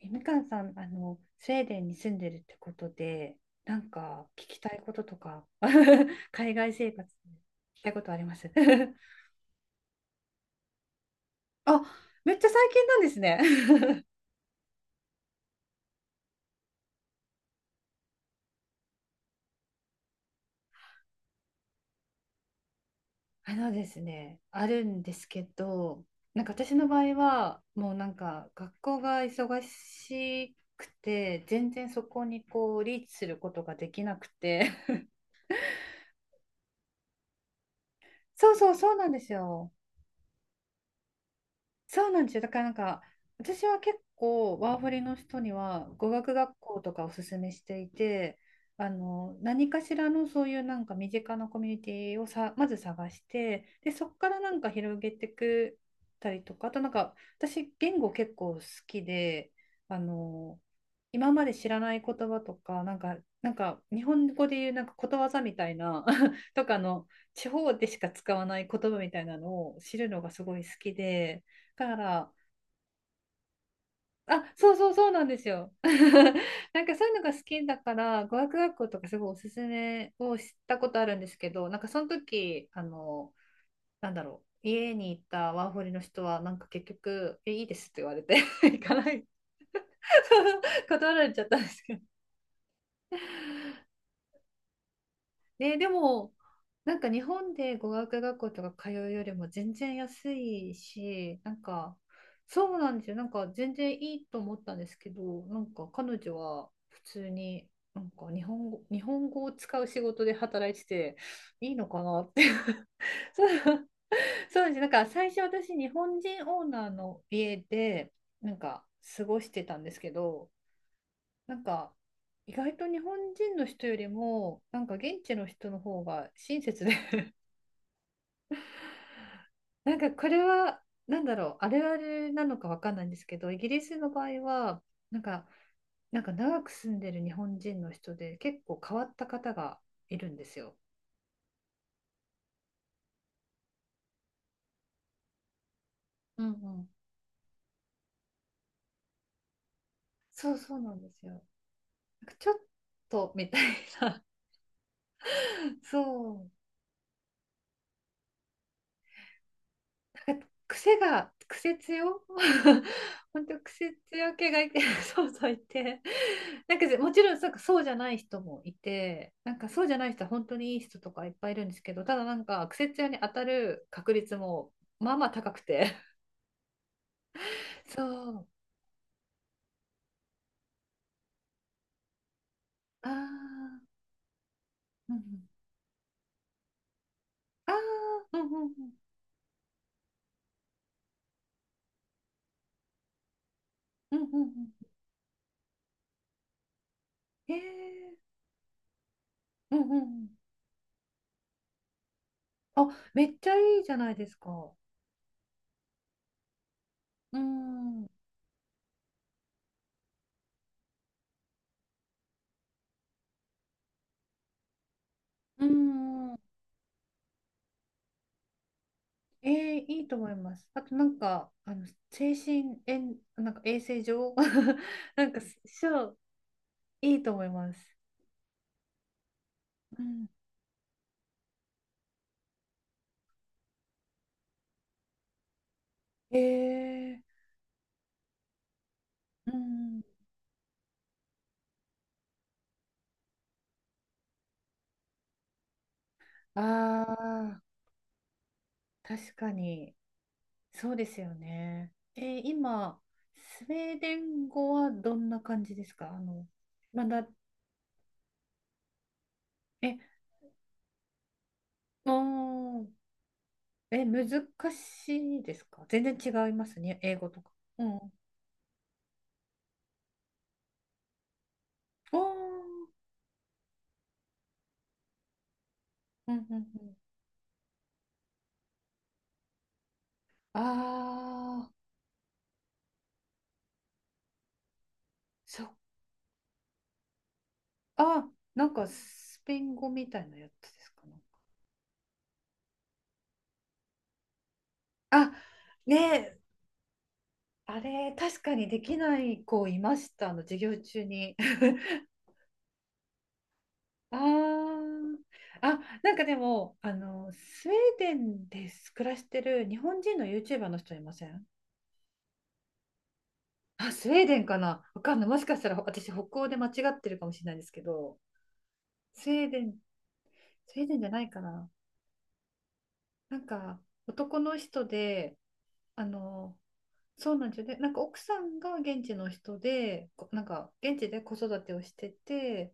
えみかんさん、スウェーデンに住んでるってことで、なんか聞きたいこととか、海外生活で聞きたいことあります？ あ、めっちゃ最近なんですね。あのですね、あるんですけど、なんか私の場合は、もうなんか学校が忙しくて、全然そこにこうリーチすることができなくて、そうそうそうなんですよ。そうなんですよ。だからなんか、私は結構ワーホリの人には語学学校とかおすすめしていて、何かしらのそういうなんか身近なコミュニティをさ、まず探して、でそこからなんか広げてくたりとか、あとなんか私言語結構好きで、あの今まで知らない言葉とか、なんか日本語で言うなんかことわざみたいな とかの地方でしか使わない言葉みたいなのを知るのがすごい好きで。から、あ、そうそうそうなんですよ。なんかそういうのが好きだから、語学学校とかすごいおすすめをしたことあるんですけど、なんかその時、なんだろう。家に行ったワーホリの人は、なんか結局、え、いいですって言われて 行かない。 断られちゃったんですけど、ね、でも、なんか日本で語学学校とか通うよりも全然安いし、なんか、そうなんですよ。なんか全然いいと思ったんですけど、なんか彼女は普通に、なんか日本語を使う仕事で働いてて、いいのかなって。 そう、そうです。なんか最初私、日本人オーナーの家で、なんか過ごしてたんですけど、なんか意外と日本人の人よりもなんか現地の人の方が親切で。 なんかこれはなんだろう、あれなのかわかんないんですけど、イギリスの場合は、なんかなんか長く住んでる日本人の人で結構変わった方がいるんですよ。うんうん。そうそうなんですよ。なんかちょっとみたいな。 そう、癖強 本当癖強系がいて、 そうそういて、なんかもちろんそうか、そうじゃない人もいて、なんかそうじゃない人は本当にいい人とかいっぱいいるんですけど、ただなんか癖強に当たる確率もまあまあ高くて、 そう、あー、うんうん、あー、うんうん、うんうん、うんうん、へ、うんうん、うん、あ、めっちゃいいじゃないですか。うんうん、ええ、いいと思います。あとなんか、精神衛、なんか衛生上、 なんか、そう、いいと思います。うん、ええ、うん、ああ、確かに、そうですよね。今、スウェーデン語はどんな感じですか？まだ、え、おー、え、難しいですか？全然違いますね、英語とか。うん。おー、うんうんうん。ああ、そっあ、なんかスペイン語みたいなやつですかね。あ、ねえ、あれ、確かにできない子いました、あの授業中に。あー、あ、なんかでも、スウェーデンで暮らしてる日本人の YouTuber の人いません？ あ、スウェーデンかな、わかんない。もしかしたら私、北欧で間違ってるかもしれないですけど、スウェーデン、スウェーデンじゃないかな。なんか、男の人で、あの、そうなんですよね。なんか奥さんが現地の人で、なんか現地で子育てをしてて、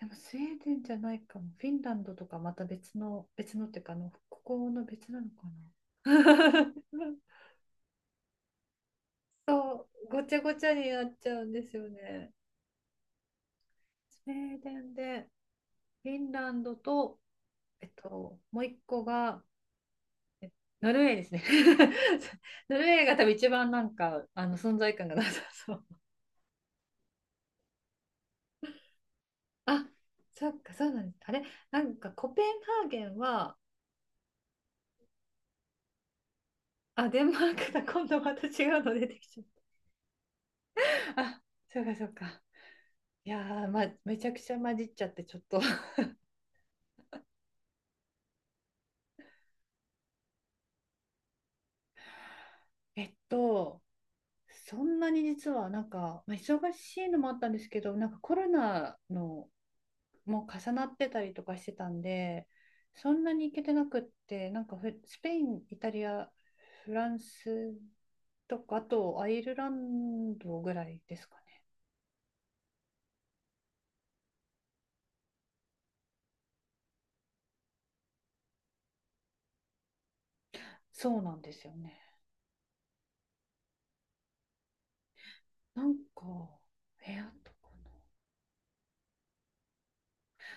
でもスウェーデンじゃないかも。フィンランドとかまた別の、別のっていうか、ここの別なのかな。そう、ごちゃごちゃになっちゃうんですよね。スウェーデンで、フィンランドと、もう一個が、ノルウェーですね。ノルウェーが多分一番なんか、存在感がなさそう。あ、そっか、そうなんです。あれ、なんかコペンハーゲンは、あ、デンマークだ。今度また違うの出てきちゃった。あ、そうか、そうか。いやー、ま、めちゃくちゃ混じっちゃって、ちょっと。えっと、そんなに実は、なんか、まあ、忙しいのもあったんですけど、なんかコロナのも重なってたりとかしてたんで、そんなに行けてなくって、なんかフスペイン、イタリア、フランスとか、あとアイルランドぐらいですかね。そうなんですよね。なんか、え、あとか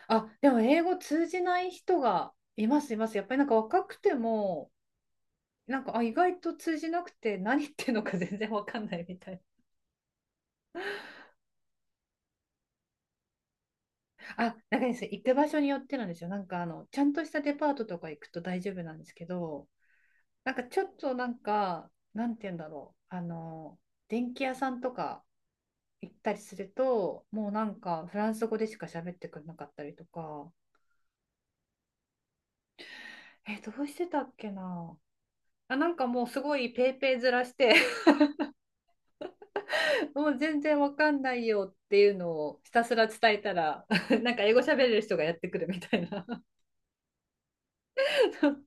な。あ、でも英語通じない人がいます、います。やっぱりなんか若くても、なんか、あ、意外と通じなくて何言ってるのか全然わかんないみたいな。あ、なんかですね、行く場所によってなんですよ。なんかちゃんとしたデパートとか行くと大丈夫なんですけど、なんかちょっとなんか、なんて言うんだろう。電気屋さんとか行ったりすると、もうなんかフランス語でしか喋ってくれなかったりとか、え、どうしてたっけな。あ、なんかもうすごいペーペーずらして、 もう全然わかんないよっていうのをひたすら伝えたら、 なんか英語喋れる人がやってくるみたいな。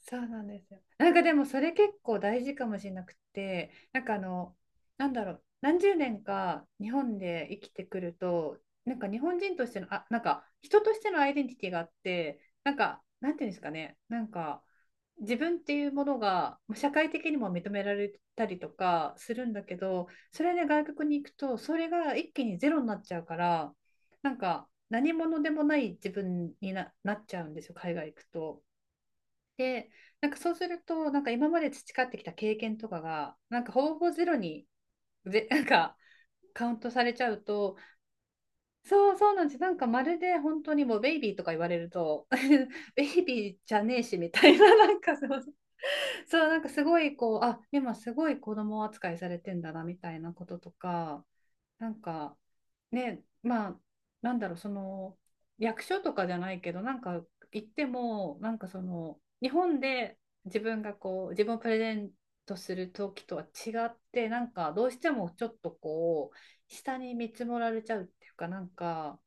そうなんですよ。なんかでもそれ結構大事かもしれなくて、なんかなんだろう、何十年か日本で生きてくると、なんか日本人としての、あ、なんか人としてのアイデンティティがあって、なんか、なんていうんですかね、なんか自分っていうものがまあ社会的にも認められたりとかするんだけど、それで外国に行くと、それが一気にゼロになっちゃうから、なんか何者でもない自分になっちゃうんですよ、海外行くと。で、なんかそうすると、なんか今まで培ってきた経験とかが、なんかほぼゼロに、なんかカウントされちゃうと、そうそうなんです。なんかまるで本当にもうベイビーとか言われると、ベイビーじゃねえしみたいな、なんかそう、そう、なんかすごいこう、あ、今すごい子供扱いされてんだなみたいなこととか、なんかね、まあ、なんだろう、その、役所とかじゃないけど、なんか行っても、なんかその、日本で自分がこう、自分をプレゼントする時とは違って、なんかどうしてもちょっとこう、下に見積もられちゃうっていうか、なんか、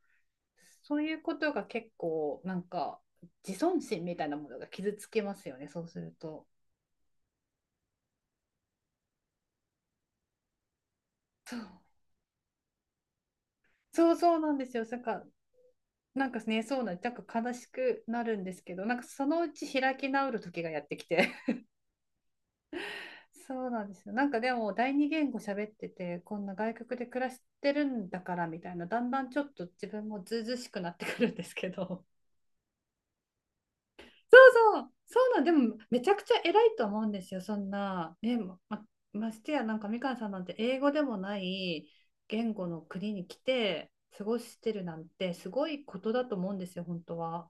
そういうことが結構、なんか、自尊心みたいなものが傷つきますよね、そうすると。そう、そうそうなんですよ。なんかね、なんか悲しくなるんですけど、なんかそのうち開き直る時がやってきて、そうなんですよ。なんかでも、第二言語喋ってて、こんな外国で暮らしてるんだからみたいな、だんだんちょっと自分もずうずうしくなってくるんですけど。そうそう、そうなん、でも、めちゃくちゃ偉いと思うんですよ、そんな。ね、まましてや、なんかみかんさんなんて英語でもない言語の国に来て過ごしてるなんて、すごいことだと思うんですよ、本当は。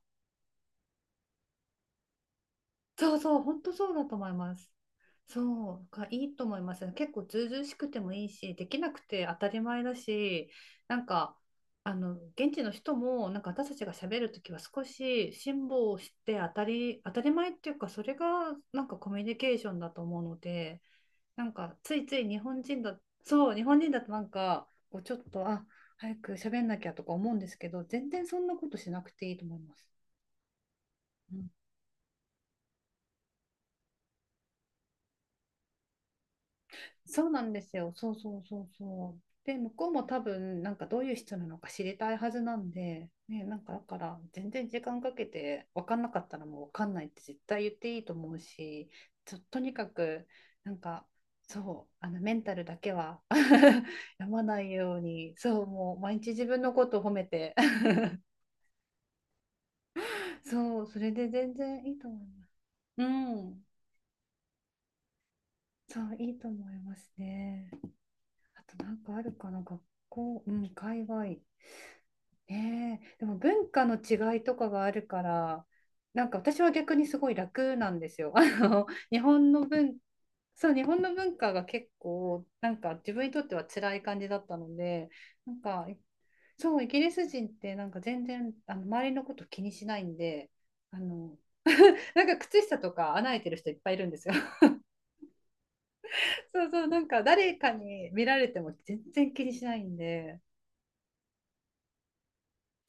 そうそう、本当そうだと思います。そうがいいと思います。結構ずうずうしくてもいいし、できなくて当たり前だし、なんか、現地の人も、なんか私たちが喋るときは少し辛抱して当たり前っていうか、それがなんかコミュニケーションだと思うので、なんかついつい日本人だ、そう、日本人だとなんか、こうちょっと、あ、早く喋んなきゃとか思うんですけど、全然そんなことしなくていいと思います。そうなんですよ。そうそうそうそう。で、向こうも多分、なんかどういう人なのか知りたいはずなんで、ね、なんかだから、全然時間かけて、分かんなかったらもう分かんないって絶対言っていいと思うし、ちょとにかく、なんか、そう、あのメンタルだけは 病まないように、そう、もう毎日自分のことを褒めて、そう、それで全然いいと思います。うん、そう、いいと思いますね。あとなんかあるかな、学校、うん、海外。ねえ、でも文化の違いとかがあるから、なんか私は逆にすごい楽なんですよ。日本の文、そう、日本の文化が結構、なんか自分にとっては辛い感じだったので、なんか、そう、イギリス人ってなんか全然、周りのこと気にしないんで、あの、なんか靴下とか穴開いてる人いっぱいいるんですよ。そうそう、なんか誰かに見られても全然気にしないんで、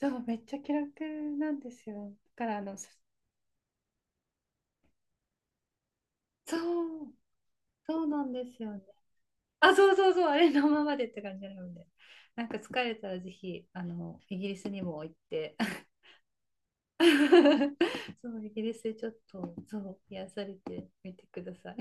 そう、めっちゃ気楽なんですよ。だから、そそうそうなんですよね。あ、そうそうそう、あれのままでって感じなので。なんか疲れたらぜひ、イギリスにも行って、そう、イギリスでちょっと、そう、癒されてみてください。